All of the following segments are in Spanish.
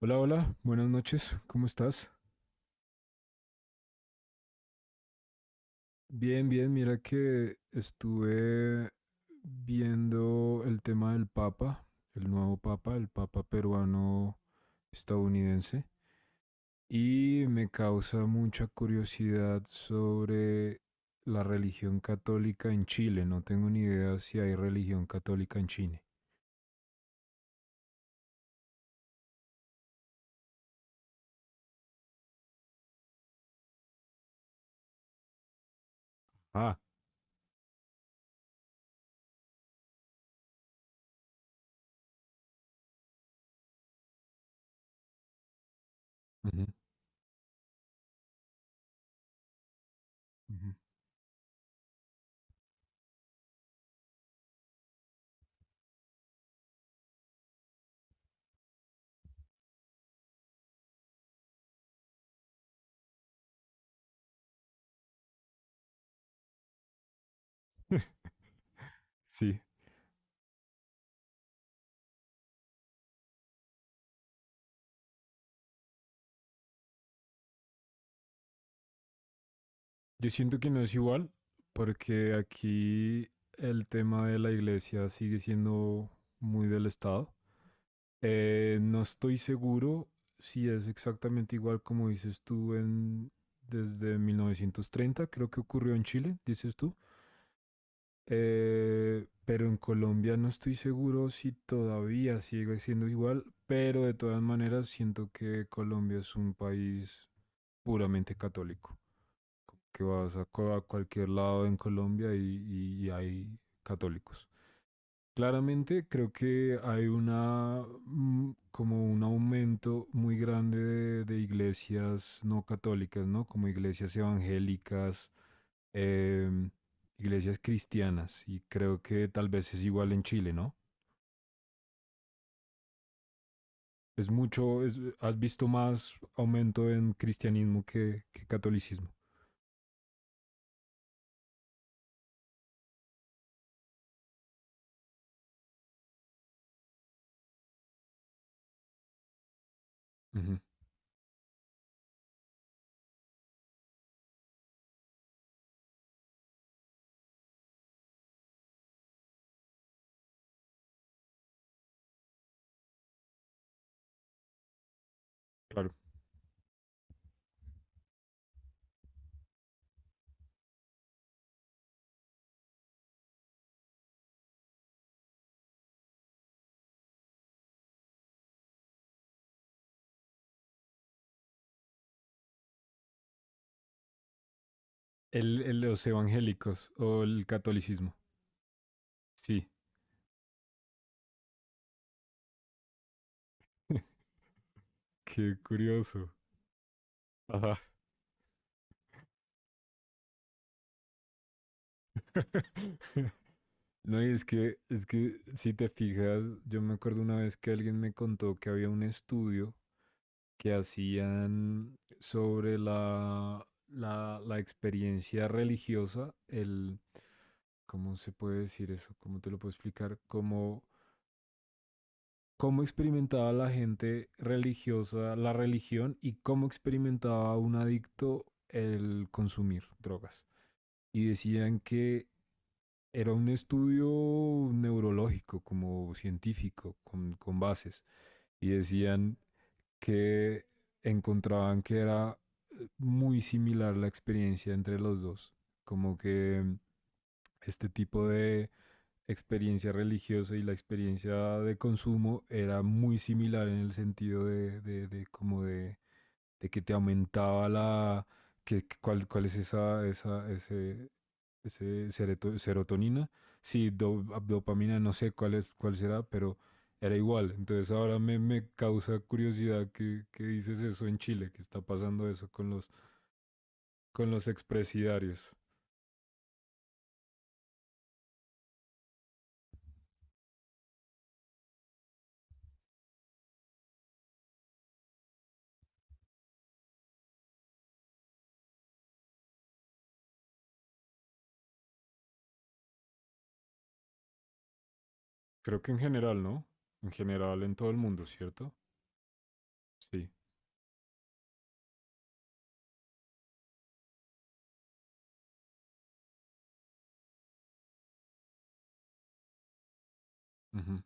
Hola, hola, buenas noches, ¿cómo estás? Bien, bien, mira que estuve viendo el tema del Papa, el nuevo Papa, el Papa peruano estadounidense, y me causa mucha curiosidad sobre la religión católica en Chile. No tengo ni idea si hay religión católica en Chile. Ah, ujú, ujú, sí. Yo siento que no es igual, porque aquí el tema de la iglesia sigue siendo muy del Estado. No estoy seguro si es exactamente igual como dices tú desde 1930. Creo que ocurrió en Chile, dices tú. Pero en Colombia no estoy seguro si todavía sigue siendo igual, pero de todas maneras siento que Colombia es un país puramente católico que vas a cualquier lado en Colombia y hay católicos. Claramente creo que hay una como un aumento muy grande de iglesias no católicas, ¿no? Como iglesias evangélicas, em, iglesias cristianas, y creo que tal vez es igual en Chile, ¿no? Es mucho, has visto más aumento en cristianismo que catolicismo. Ujú, claro. Los evangélicos o el catolicismo. Sí. Qué curioso. Ajá. No, y es que, si te fijas, yo me acuerdo una vez que alguien me contó que había un estudio que hacían sobre la experiencia religiosa, ¿cómo se puede decir eso? ¿Cómo te lo puedo explicar? Cómo experimentaba la gente religiosa la religión y cómo experimentaba un adicto el consumir drogas. Y decían que era un estudio neurológico, como científico, con bases. Y decían que encontraban que era muy similar la experiencia entre los dos. Como que este tipo de experiencia religiosa y la experiencia de consumo era muy similar en el sentido de como de que te aumentaba que cuál es ese serotonina, sí, dopamina, no sé cuál es, cuál será, pero era igual. Entonces ahora me causa curiosidad que dices eso en Chile, que está pasando eso con los expresidiarios. Creo que en general, ¿no? En general en todo el mundo, ¿cierto? Sí. Ujú.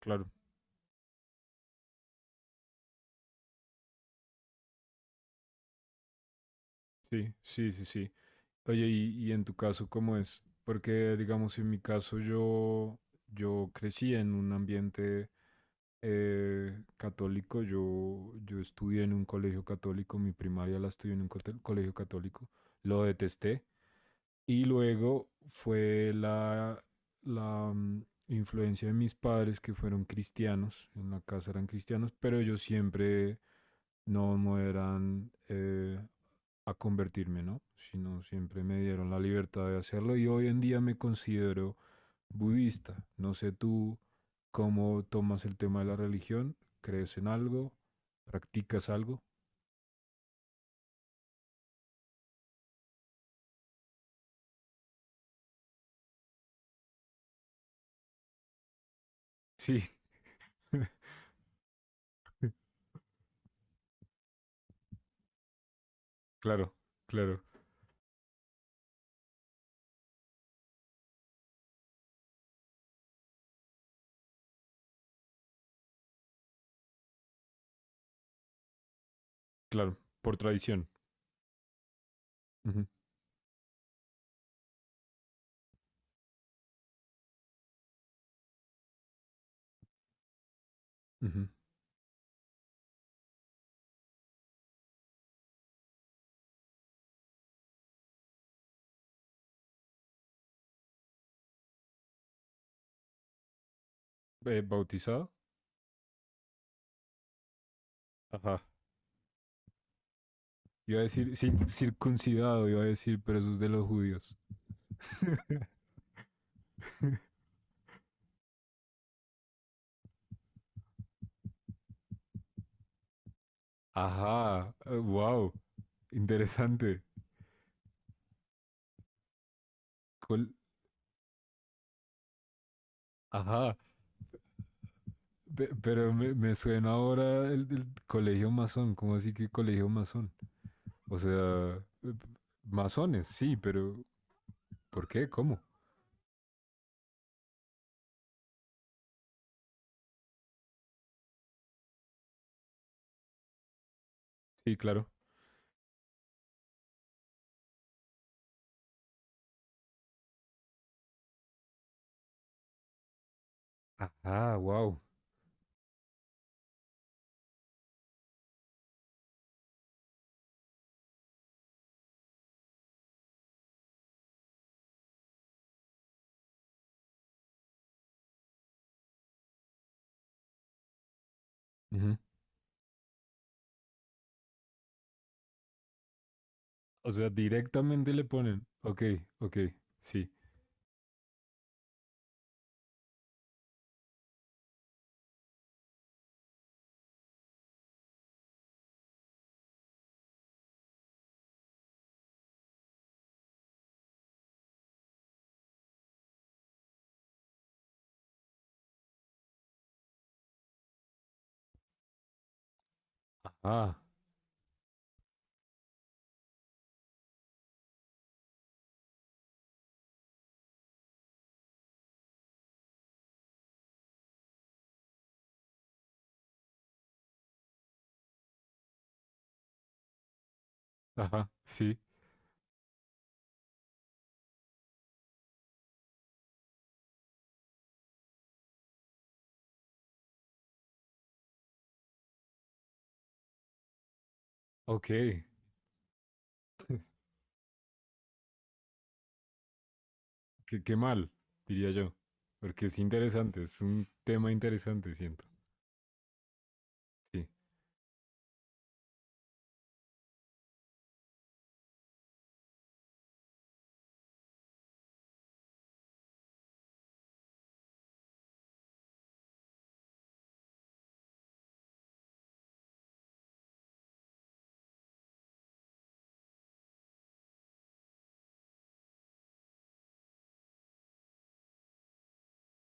Claro. Sí, sí, sí, sí. Oye, y en tu caso, ¿cómo es? Porque, digamos, en mi caso yo crecí en un ambiente católico, yo estudié en un colegio católico, mi primaria la estudié en un colegio católico, lo detesté. Y luego fue la influencia de mis padres que fueron cristianos, en la casa eran cristianos, pero ellos siempre no, no eran a convertirme, ¿no? Sino siempre me dieron la libertad de hacerlo y hoy en día me considero budista. No sé tú cómo tomas el tema de la religión, crees en algo, practicas algo. Sí. Claro, claro, claro, por tradición. Ujú, ujú. ¿Bautizado? Ajá. Iba a decir circuncidado, iba a decir, pero eso es de los judíos. Ajá, wow, interesante. Col- Ajá. Pero me suena ahora el colegio masón, ¿cómo así que colegio masón? O sea, eh, masones, sí, pero ¿por qué? ¿Cómo? Sí, claro. Ah, wow. O sea, directamente le ponen, ok, ok, sí. Ah, ajá, sí, ok. Qué mal, diría yo. Porque es interesante, es un tema interesante, siento. Sí.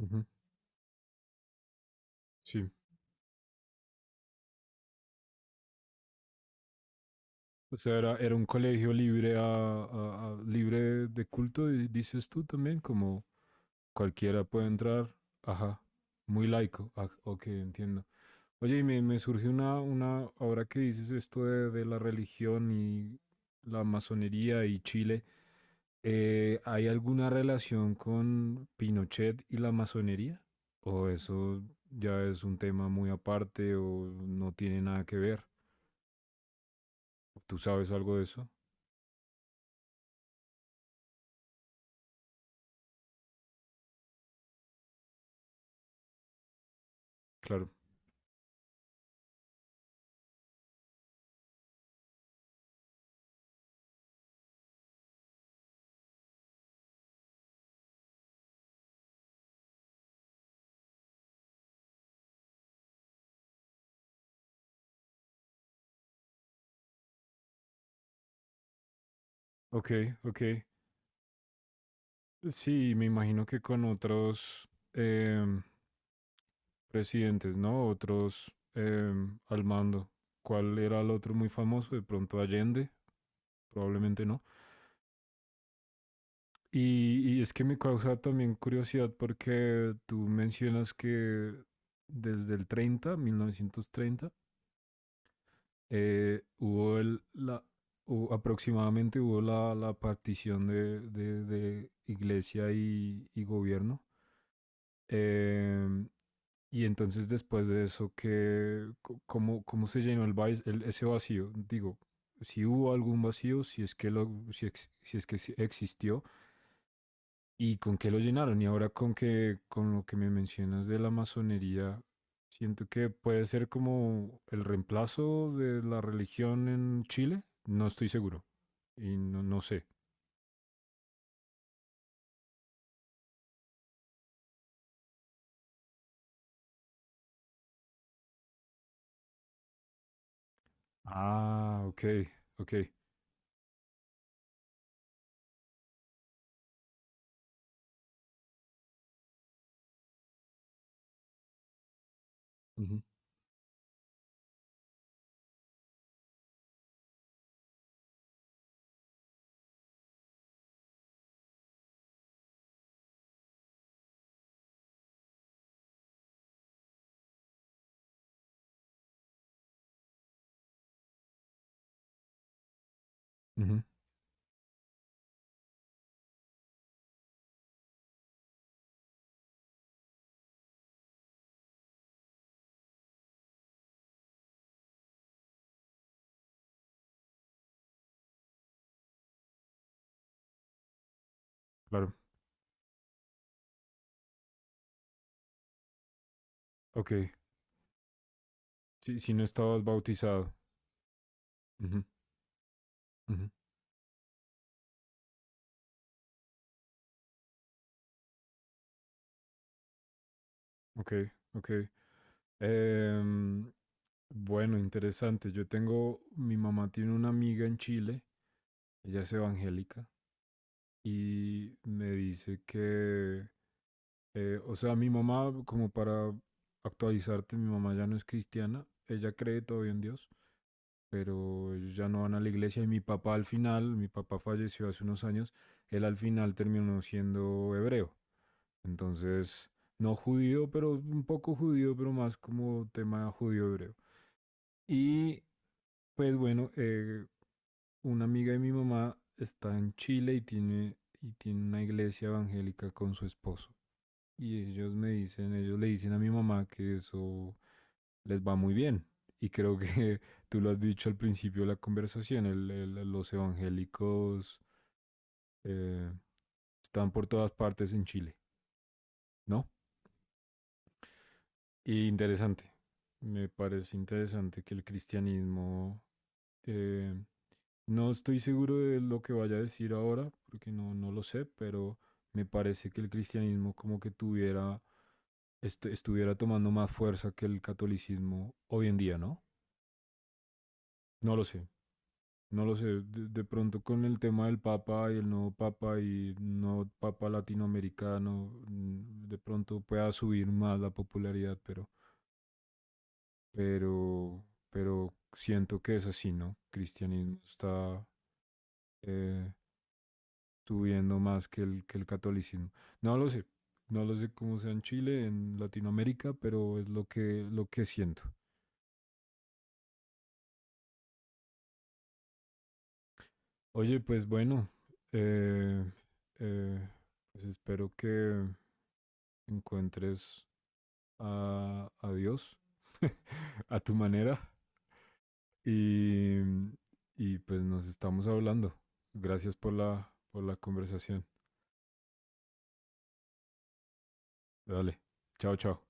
Ujú. Sí. O sea, era un colegio libre libre de culto, y dices tú también, como cualquiera puede entrar. Ajá, muy laico. Ah, ok, entiendo. Oye, y me surge ahora que dices esto de la religión y la masonería y Chile, ¿hay alguna relación con Pinochet y la masonería? ¿O eso ya es un tema muy aparte o no tiene nada que ver? ¿Tú sabes algo de eso? Claro. Ok, ok. Sí, me imagino que con otros em, presidentes, ¿no? Otros al mando. ¿Cuál era el otro muy famoso? De pronto Allende, probablemente no. Y es que me causa también curiosidad porque tú mencionas que desde el 30, 1930, hubo aproximadamente hubo la partición de iglesia y gobierno. Em, y entonces después de eso, ¿cómo se llenó ese vacío? Digo, si hubo algún vacío, si es que sí existió, y con qué lo llenaron. Y ahora con lo que me mencionas de la masonería, siento que puede ser como el reemplazo de la religión en Chile. No estoy seguro. Y no, no sé. Ah, ok, ok. Ujú, ujú, claro. Ok. Si, si no estabas bautizado. Ujú, ujú. Ok, ok. Em, bueno, interesante. Yo tengo, mi mamá tiene una amiga en Chile, ella es evangélica, y me dice que, o sea, mi mamá, como para actualizarte, mi mamá ya no es cristiana, ella cree todavía en Dios, pero ellos ya no van a la iglesia y mi papá al final, mi papá falleció hace unos años, él al final terminó siendo hebreo. Entonces, no judío, pero un poco judío, pero más como tema judío hebreo. Y pues bueno, una amiga de mi mamá está en Chile y tiene, una iglesia evangélica con su esposo. Y ellos me dicen, ellos le dicen a mi mamá que eso les va muy bien. Y creo que tú lo has dicho al principio de la conversación, los evangélicos eh, están por todas partes en Chile, ¿no? Y interesante. Me parece interesante que el cristianismo… eh, no estoy seguro de lo que vaya a decir ahora, porque no, no lo sé, pero me parece que el cristianismo como que tuviera… estuviera tomando más fuerza que el catolicismo hoy en día, ¿no? No lo sé. No lo sé, de pronto con el tema del Papa y el nuevo Papa y no Papa latinoamericano, de pronto pueda subir más la popularidad, pero pero, pero, siento que es así, ¿no? Cristianismo está eh, subiendo más que el catolicismo. No lo sé, no lo sé cómo sea en Chile, en Latinoamérica, pero es lo que siento. Oye, pues bueno, eh, eh, pues espero que encuentres a Dios a tu manera y, y pues nos estamos hablando. Gracias por la conversación. Dale. Chao, chao.